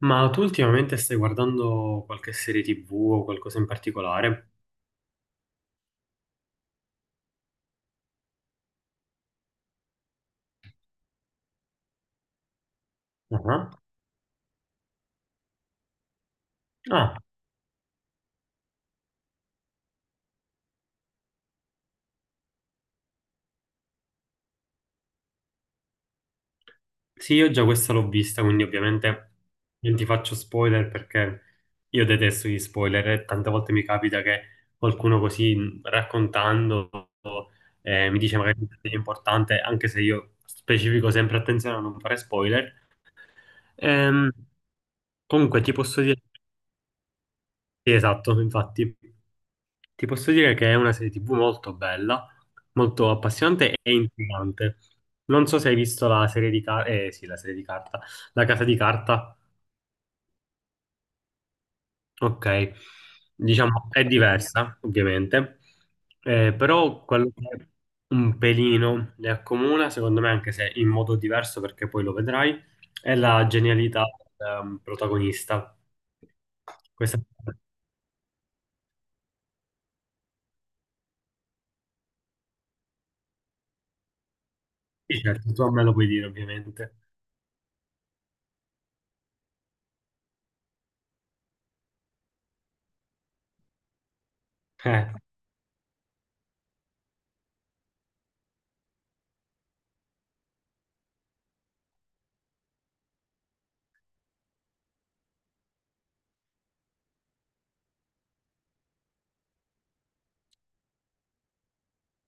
Ma tu ultimamente stai guardando qualche serie TV o qualcosa in particolare? Ah, Ah, sì, io già questa l'ho vista, quindi ovviamente non ti faccio spoiler perché io detesto gli spoiler, e tante volte mi capita che qualcuno così raccontando mi dice magari che è importante, anche se io specifico sempre attenzione a non fare spoiler. Ehm, Comunque ti posso dire, sì, esatto, infatti. Ti posso dire che è una serie TV molto bella, molto appassionante e intrigante. Non so se hai visto la serie di carta, eh sì, la serie di carta, La Casa di Carta. Ok, diciamo è diversa, ovviamente. Però quello che un pelino le accomuna, secondo me, anche se in modo diverso, perché poi lo vedrai, è la genialità del protagonista. Questa... Sì, certo, tu a me lo puoi dire, ovviamente. Eh.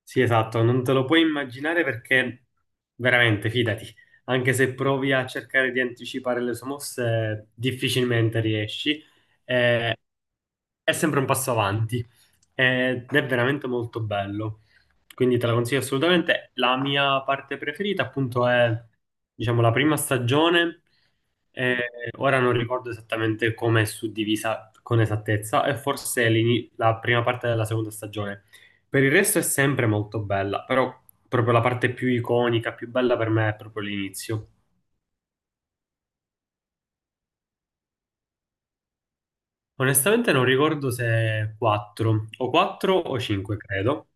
Sì, esatto, non te lo puoi immaginare perché veramente, fidati, anche se provi a cercare di anticipare le sue mosse, difficilmente riesci. Eh, è sempre un passo avanti ed è veramente molto bello. Quindi te la consiglio assolutamente. La mia parte preferita, appunto, è diciamo la prima stagione. Eh, Ora non ricordo esattamente come è suddivisa con esattezza, e forse la prima parte della seconda stagione. Per il resto è sempre molto bella, però proprio la parte più iconica, più bella per me è proprio l'inizio. Onestamente non ricordo se 4 o 4 o 5, credo.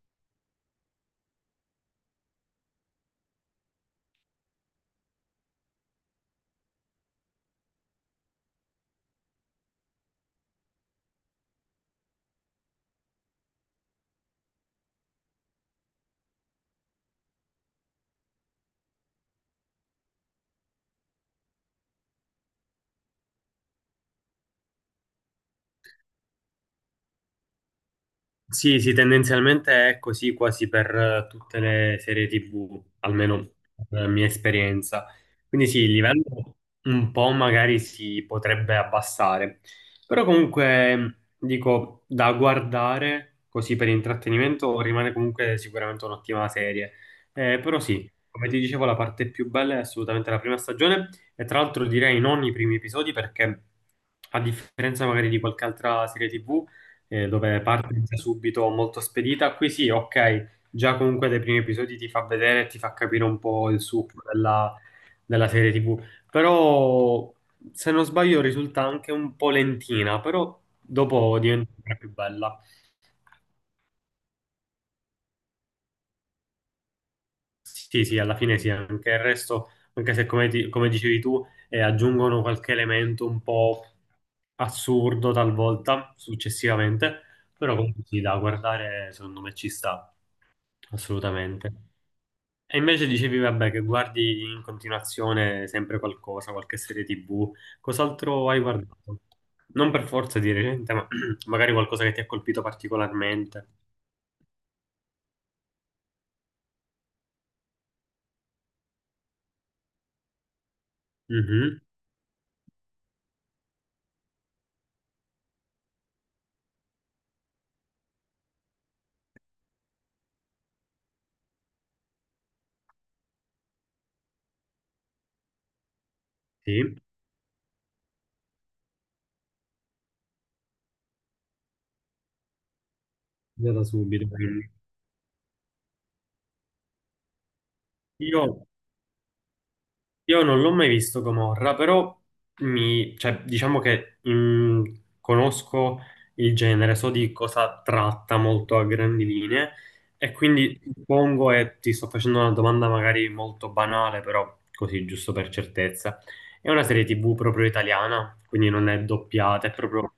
Sì, sì, tendenzialmente è così quasi per tutte le serie TV, almeno per la mia esperienza. Quindi sì, il livello un po' magari si potrebbe abbassare, però comunque dico da guardare così per intrattenimento rimane comunque sicuramente un'ottima serie. Però sì, come ti dicevo, la parte più bella è assolutamente la prima stagione, e tra l'altro direi non i primi episodi perché a differenza magari di qualche altra serie TV dove parte già subito molto spedita. Qui sì, ok, già comunque dai primi episodi ti fa vedere e ti fa capire un po' il succo della serie TV. Però, se non sbaglio, risulta anche un po' lentina, però dopo diventa sempre più bella. Sì, sì, alla fine sì, anche il resto, anche se come, come dicevi tu, aggiungono qualche elemento un po' assurdo talvolta, successivamente, però comunque sì, da guardare secondo me ci sta, assolutamente. E invece dicevi, vabbè, che guardi in continuazione sempre qualcosa, qualche serie TV. Cos'altro hai guardato? Non per forza di recente, ma magari qualcosa che ti ha colpito particolarmente. Mhm. Sì, già da subito, quindi. Io Io non l'ho mai visto Gomorra, però mi, cioè, diciamo che conosco il genere, so di cosa tratta molto a grandi linee, e quindi suppongo, e ti sto facendo una domanda magari molto banale, però così giusto per certezza, è una serie TV proprio italiana, quindi non è doppiata, è proprio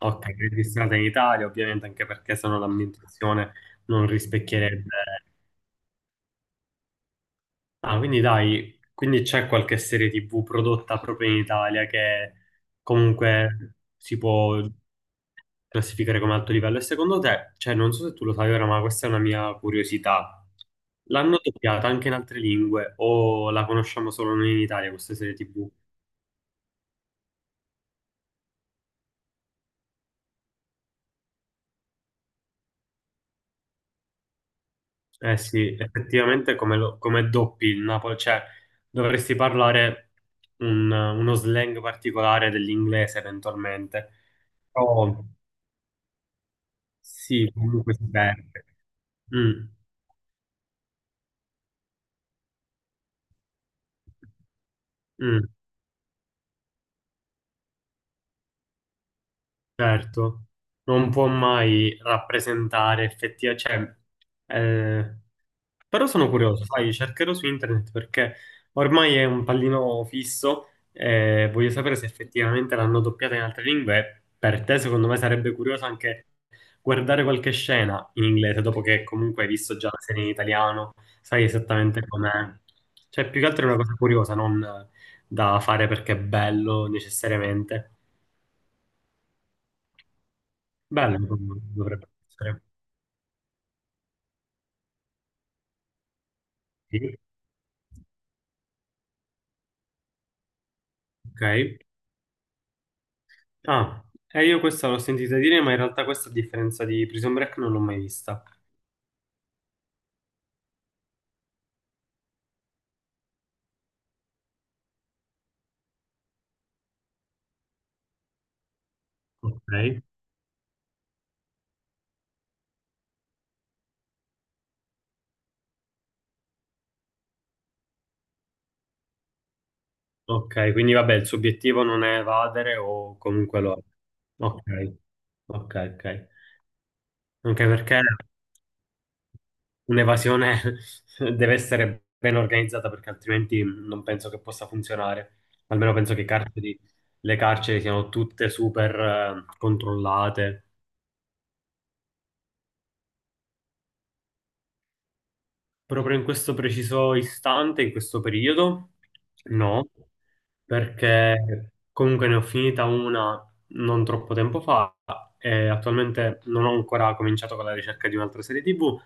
ok, registrata in Italia, ovviamente anche perché sennò l'ambientazione non rispecchierebbe. Ah, quindi dai, quindi c'è qualche serie TV prodotta proprio in Italia che comunque si può classificare come alto livello. E secondo te, cioè non so se tu lo sai ora, ma questa è una mia curiosità. L'hanno doppiata anche in altre lingue o la conosciamo solo noi in Italia questa serie TV? Eh sì, effettivamente come, come doppi il Napoli, cioè dovresti parlare uno slang particolare dell'inglese eventualmente. Però sì, comunque si perde. Mm, mm, certo, non può mai rappresentare effettivamente, cioè, eh, però sono curioso, sai, cercherò su internet perché ormai è un pallino fisso e voglio sapere se effettivamente l'hanno doppiata in altre lingue. Per te, secondo me, sarebbe curioso anche guardare qualche scena in inglese dopo che comunque hai visto già la serie in italiano, sai esattamente com'è. Cioè, più che altro è una cosa curiosa, non da fare perché è bello necessariamente. Bello, dovrebbe essere. Sì. Ok. Ah, e io questa l'ho sentita dire, ma in realtà questa a differenza di Prison Break non l'ho mai vista. Ok. Ok, quindi vabbè, il suo obiettivo non è evadere o comunque lo è. Ok, ok. Anche perché un'evasione deve essere ben organizzata perché altrimenti non penso che possa funzionare. Almeno penso che le carceri siano tutte super controllate. Proprio in questo preciso istante, in questo periodo, no, perché comunque ne ho finita una non troppo tempo fa e attualmente non ho ancora cominciato con la ricerca di un'altra serie TV,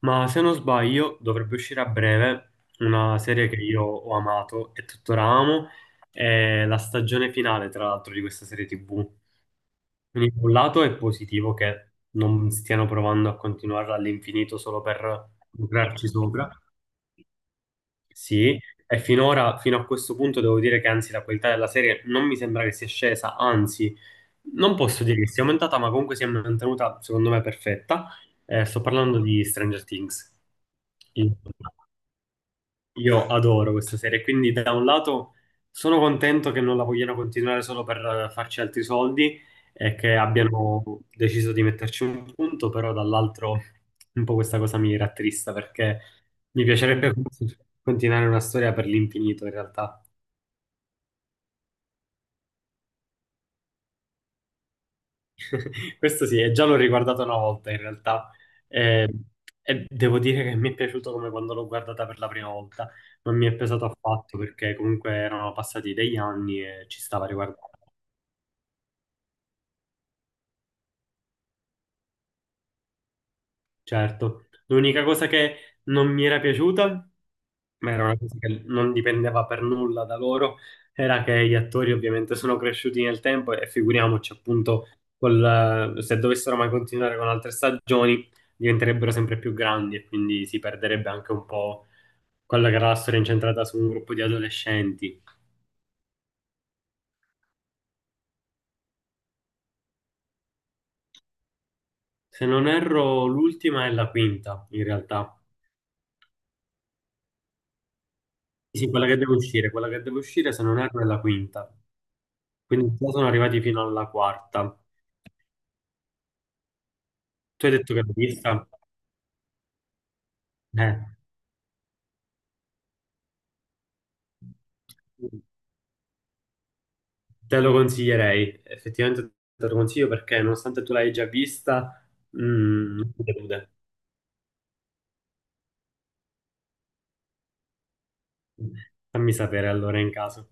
ma se non sbaglio dovrebbe uscire a breve una serie che io ho amato e tuttora amo, è la stagione finale, tra l'altro, di questa serie TV. Quindi da un lato è positivo che non stiano provando a continuarla all'infinito solo per lucrarci sopra. Sì, e finora, fino a questo punto, devo dire che anzi la qualità della serie non mi sembra che sia scesa, anzi, non posso dire che sia aumentata, ma comunque si è mantenuta, secondo me, perfetta. Sto parlando di Stranger Things. Il- io adoro questa serie, quindi da un lato sono contento che non la vogliano continuare solo per farci altri soldi e che abbiano deciso di metterci un punto, però dall'altro un po' questa cosa mi rattrista perché mi piacerebbe continuare una storia per l'infinito in realtà. Questo sì, e già l'ho riguardato una volta in realtà. Eh, e devo dire che mi è piaciuto come quando l'ho guardata per la prima volta, non mi è pesato affatto perché comunque erano passati degli anni e ci stava riguardando. Certo, l'unica cosa che non mi era piaciuta, ma era una cosa che non dipendeva per nulla da loro, era che gli attori ovviamente sono cresciuti nel tempo e figuriamoci appunto se dovessero mai continuare con altre stagioni diventerebbero sempre più grandi e quindi si perderebbe anche un po' quella che era la storia incentrata su un gruppo di adolescenti. Se non erro, l'ultima è la quinta in realtà. Sì, quella che deve uscire, quella che deve uscire se non erro è la quinta. Quindi già sono arrivati fino alla quarta. Tu hai detto che l'hai vista? Eh, te lo consiglierei, effettivamente te lo consiglio perché nonostante tu l'hai già vista, mm, non ti delude. Fammi sapere allora in caso.